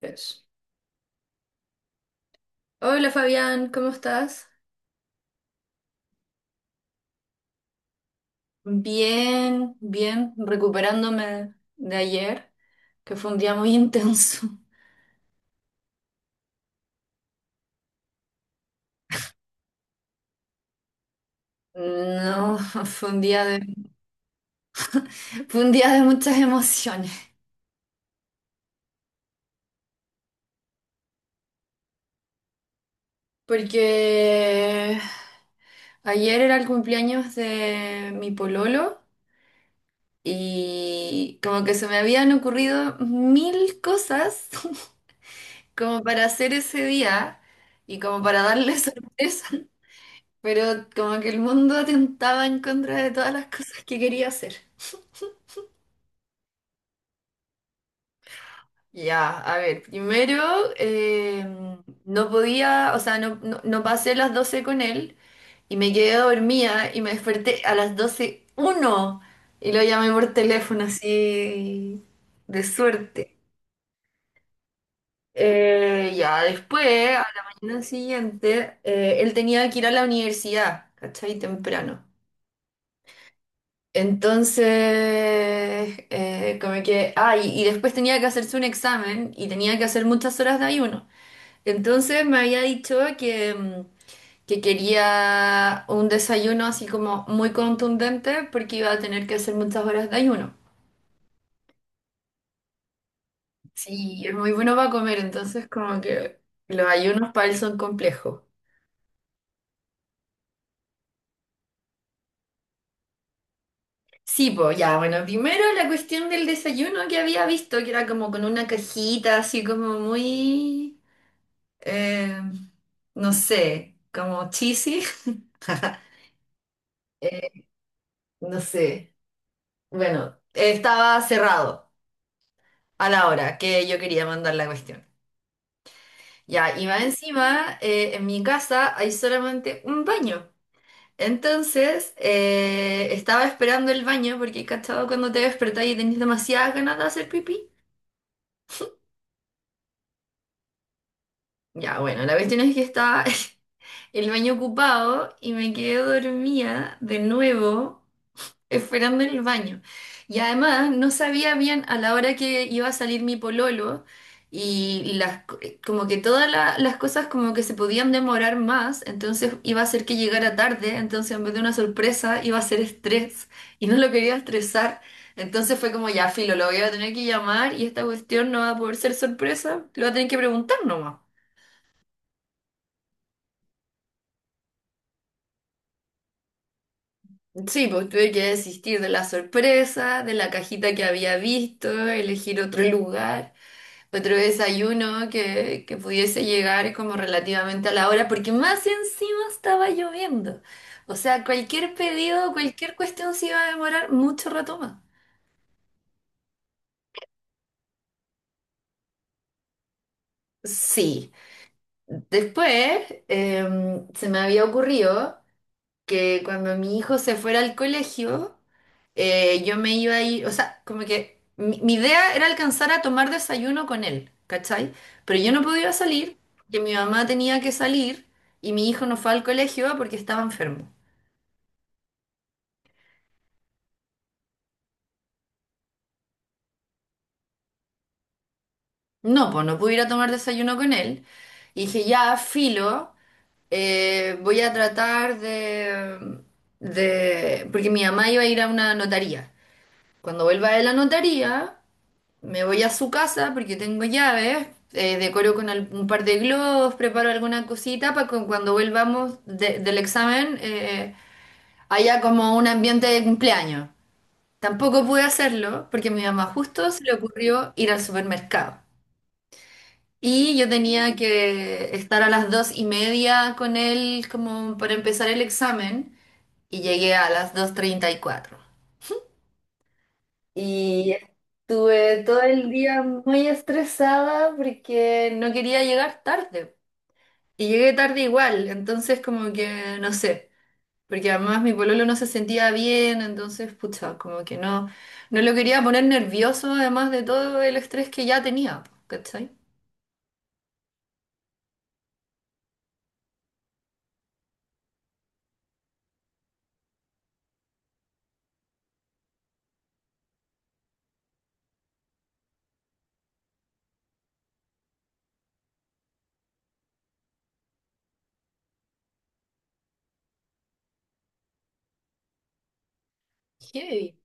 Eso. Hola Fabián, ¿cómo estás? Bien, recuperándome de ayer, que fue un día muy intenso. No, fue un día fue un día de muchas emociones, porque ayer era el cumpleaños de mi pololo y como que se me habían ocurrido mil cosas como para hacer ese día y como para darle sorpresa. Pero como que el mundo atentaba en contra de todas las cosas que quería hacer. Ya, a ver, primero eh, no podía, o sea, no pasé las 12 con él y me quedé dormida y me desperté a las 12:01 y lo llamé por teléfono así de suerte. Ya, después, a la mañana siguiente, él tenía que ir a la universidad, ¿cachai? Temprano. Entonces, como que, ah, y después tenía que hacerse un examen y tenía que hacer muchas horas de ayuno. Entonces me había dicho que, que quería un desayuno así como muy contundente porque iba a tener que hacer muchas horas de ayuno. Sí, es muy bueno para comer, entonces como que los ayunos para él son complejos. Sí, pues ya, bueno, primero la cuestión del desayuno que había visto, que era como con una cajita así como muy... eh, no sé, como cheesy, eh, no sé. Bueno, estaba cerrado a la hora que yo quería mandar la cuestión. Ya, y más encima, en mi casa hay solamente un baño. Entonces, estaba esperando el baño porque, ¿cachado? Cuando te despertás y tenés demasiadas ganas de hacer pipí. Ya, bueno, la cuestión es que estaba el baño ocupado y me quedé dormida de nuevo esperando en el baño. Y además no sabía bien a la hora que iba a salir mi pololo y como que todas las cosas como que se podían demorar más, entonces iba a ser que llegara tarde, entonces en vez de una sorpresa iba a ser estrés y no lo quería estresar. Entonces fue como ya, filo, lo voy a tener que llamar y esta cuestión no va a poder ser sorpresa, lo va a tener que preguntar nomás. Sí, pues tuve que desistir de la sorpresa, de la cajita que había visto, elegir otro lugar. Otro desayuno que pudiese llegar como relativamente a la hora, porque más encima estaba lloviendo. O sea, cualquier pedido, cualquier cuestión se iba a demorar mucho rato más. Sí. Después se me había ocurrido que cuando mi hijo se fuera al colegio, yo me iba a ir, o sea, como que mi idea era alcanzar a tomar desayuno con él, ¿cachai? Pero yo no podía salir, que mi mamá tenía que salir y mi hijo no fue al colegio porque estaba enfermo. No, pues no pude ir a tomar desayuno con él. Y dije, ya, filo, voy a tratar Porque mi mamá iba a ir a una notaría. Cuando vuelva de la notaría... Me voy a su casa porque tengo llaves, decoro con un par de globos, preparo alguna cosita para que cuando volvamos del examen haya como un ambiente de cumpleaños. Tampoco pude hacerlo porque a mi mamá justo se le ocurrió ir al supermercado. Y yo tenía que estar a las 2:30 con él como para empezar el examen y llegué a las 2:34. Y estuve todo el día muy estresada porque no quería llegar tarde. Y llegué tarde igual, entonces como que no sé, porque además mi pololo no se sentía bien, entonces pucha, como que no, no lo quería poner nervioso además de todo el estrés que ya tenía, po, ¿cachai? Heavy.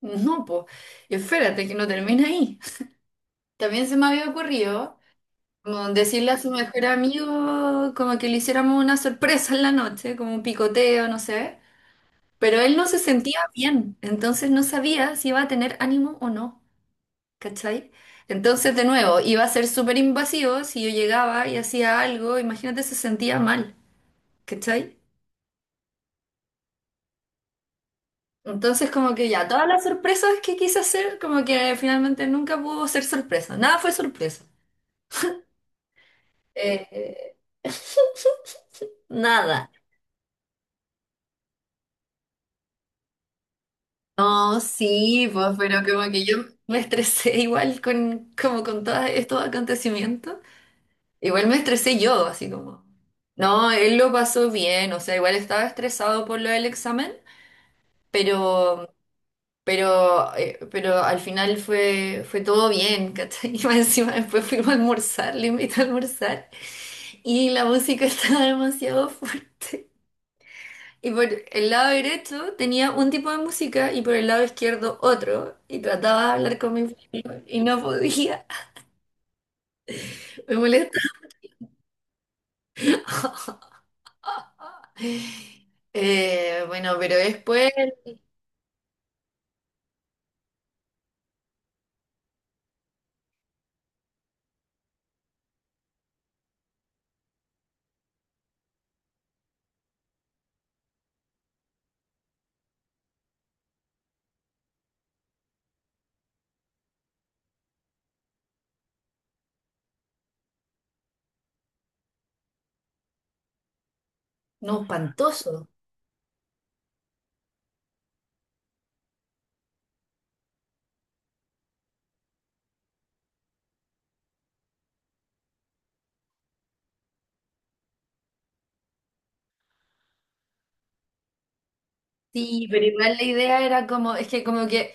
No, pues, espérate que no termina ahí. También se me había ocurrido como decirle a su mejor amigo como que le hiciéramos una sorpresa en la noche, como un picoteo, no sé. Pero él no se sentía bien, entonces no sabía si iba a tener ánimo o no, ¿cachai? Entonces, de nuevo, iba a ser súper invasivo si yo llegaba y hacía algo, imagínate, se sentía mal, ¿cachai? Entonces, como que ya, todas las sorpresas que quise hacer, como que finalmente nunca pudo ser sorpresa, nada fue sorpresa. Eh, eh, nada. No, sí, pues, pero como que yo me estresé igual como con todos estos acontecimientos. Igual me estresé yo, así como. No, él lo pasó bien, o sea, igual estaba estresado por lo del examen, pero, pero al final fue todo bien, ¿cachai? Y más encima después fuimos a almorzar, le invité a almorzar, y la música estaba demasiado fuerte. Y por el lado derecho tenía un tipo de música y por el lado izquierdo otro, y trataba de hablar con mi familia y no podía, me molestaba. Bueno, pero después, no, espantoso. Sí, pero igual la idea era como, es que como que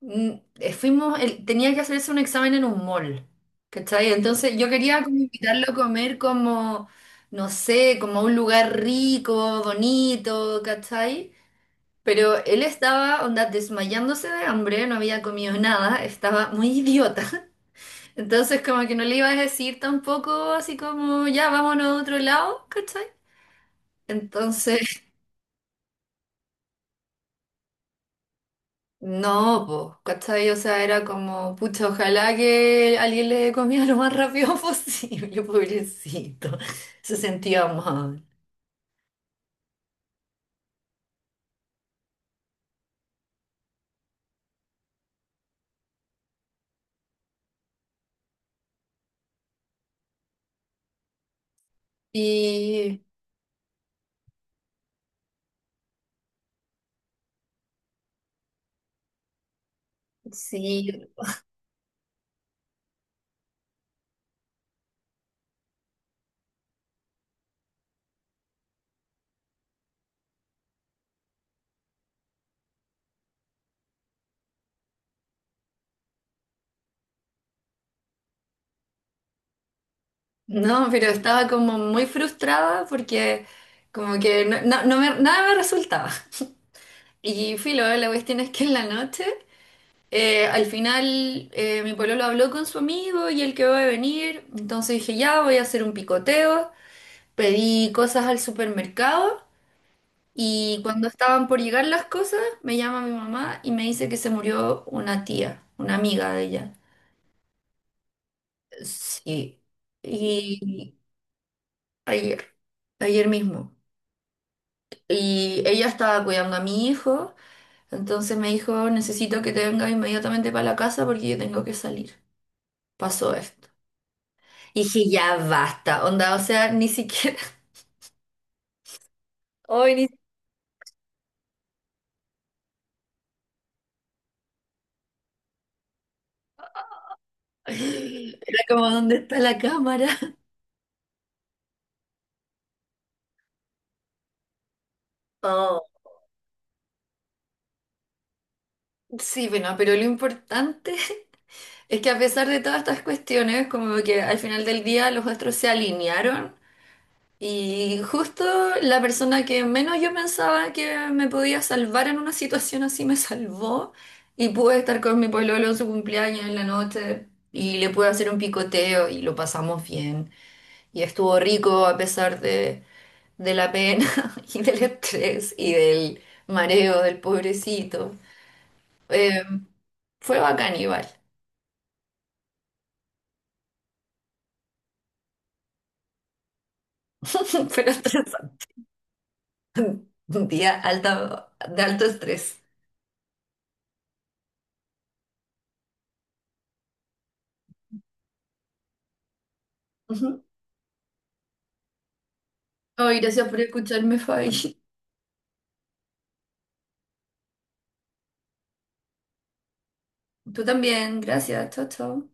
mm, fuimos, tenía que hacerse un examen en un mall, ¿cachai? Entonces yo quería como invitarlo a comer como, no sé, como a un lugar rico, bonito, ¿cachai? Pero él estaba, onda, desmayándose de hambre, no había comido nada, estaba muy idiota. Entonces como que no le iba a decir tampoco así como, ya, vámonos a otro lado, ¿cachai? Entonces... No, pues, ¿cachai? O sea, era como, pucha, ojalá que alguien le dé comida lo más rápido posible, pobrecito. Se sentía mal. Y sí, no, pero estaba como muy frustrada porque como que no, nada me resultaba. Y filo, la cuestión es que en la noche, al final mi pololo habló con su amigo y él que va a venir, entonces dije, ya voy a hacer un picoteo, pedí cosas al supermercado. Y cuando estaban por llegar las cosas, me llama mi mamá y me dice que se murió una tía, una amiga de ella. Sí. Y ayer, ayer mismo. Y ella estaba cuidando a mi hijo, entonces me dijo, necesito que te vengas inmediatamente para la casa porque yo tengo que salir. Pasó esto. Y dije, ya basta, onda, o sea, ni siquiera... Hoy ni... Era como, ¿dónde está la cámara? Oh, sí, bueno, pero lo importante... Es que a pesar de todas estas cuestiones, como que al final del día los astros se alinearon y justo la persona que menos yo pensaba que me podía salvar en una situación así me salvó y pude estar con mi pololo en su cumpleaños en la noche y le pude hacer un picoteo y lo pasamos bien y estuvo rico a pesar de la pena y del estrés y del mareo del pobrecito. Eh, Fue bacán igual, pero un día alta, de alto estrés. Ujú. Ay, gracias por escucharme, Fabi. Tú también, gracias. Chao, chao.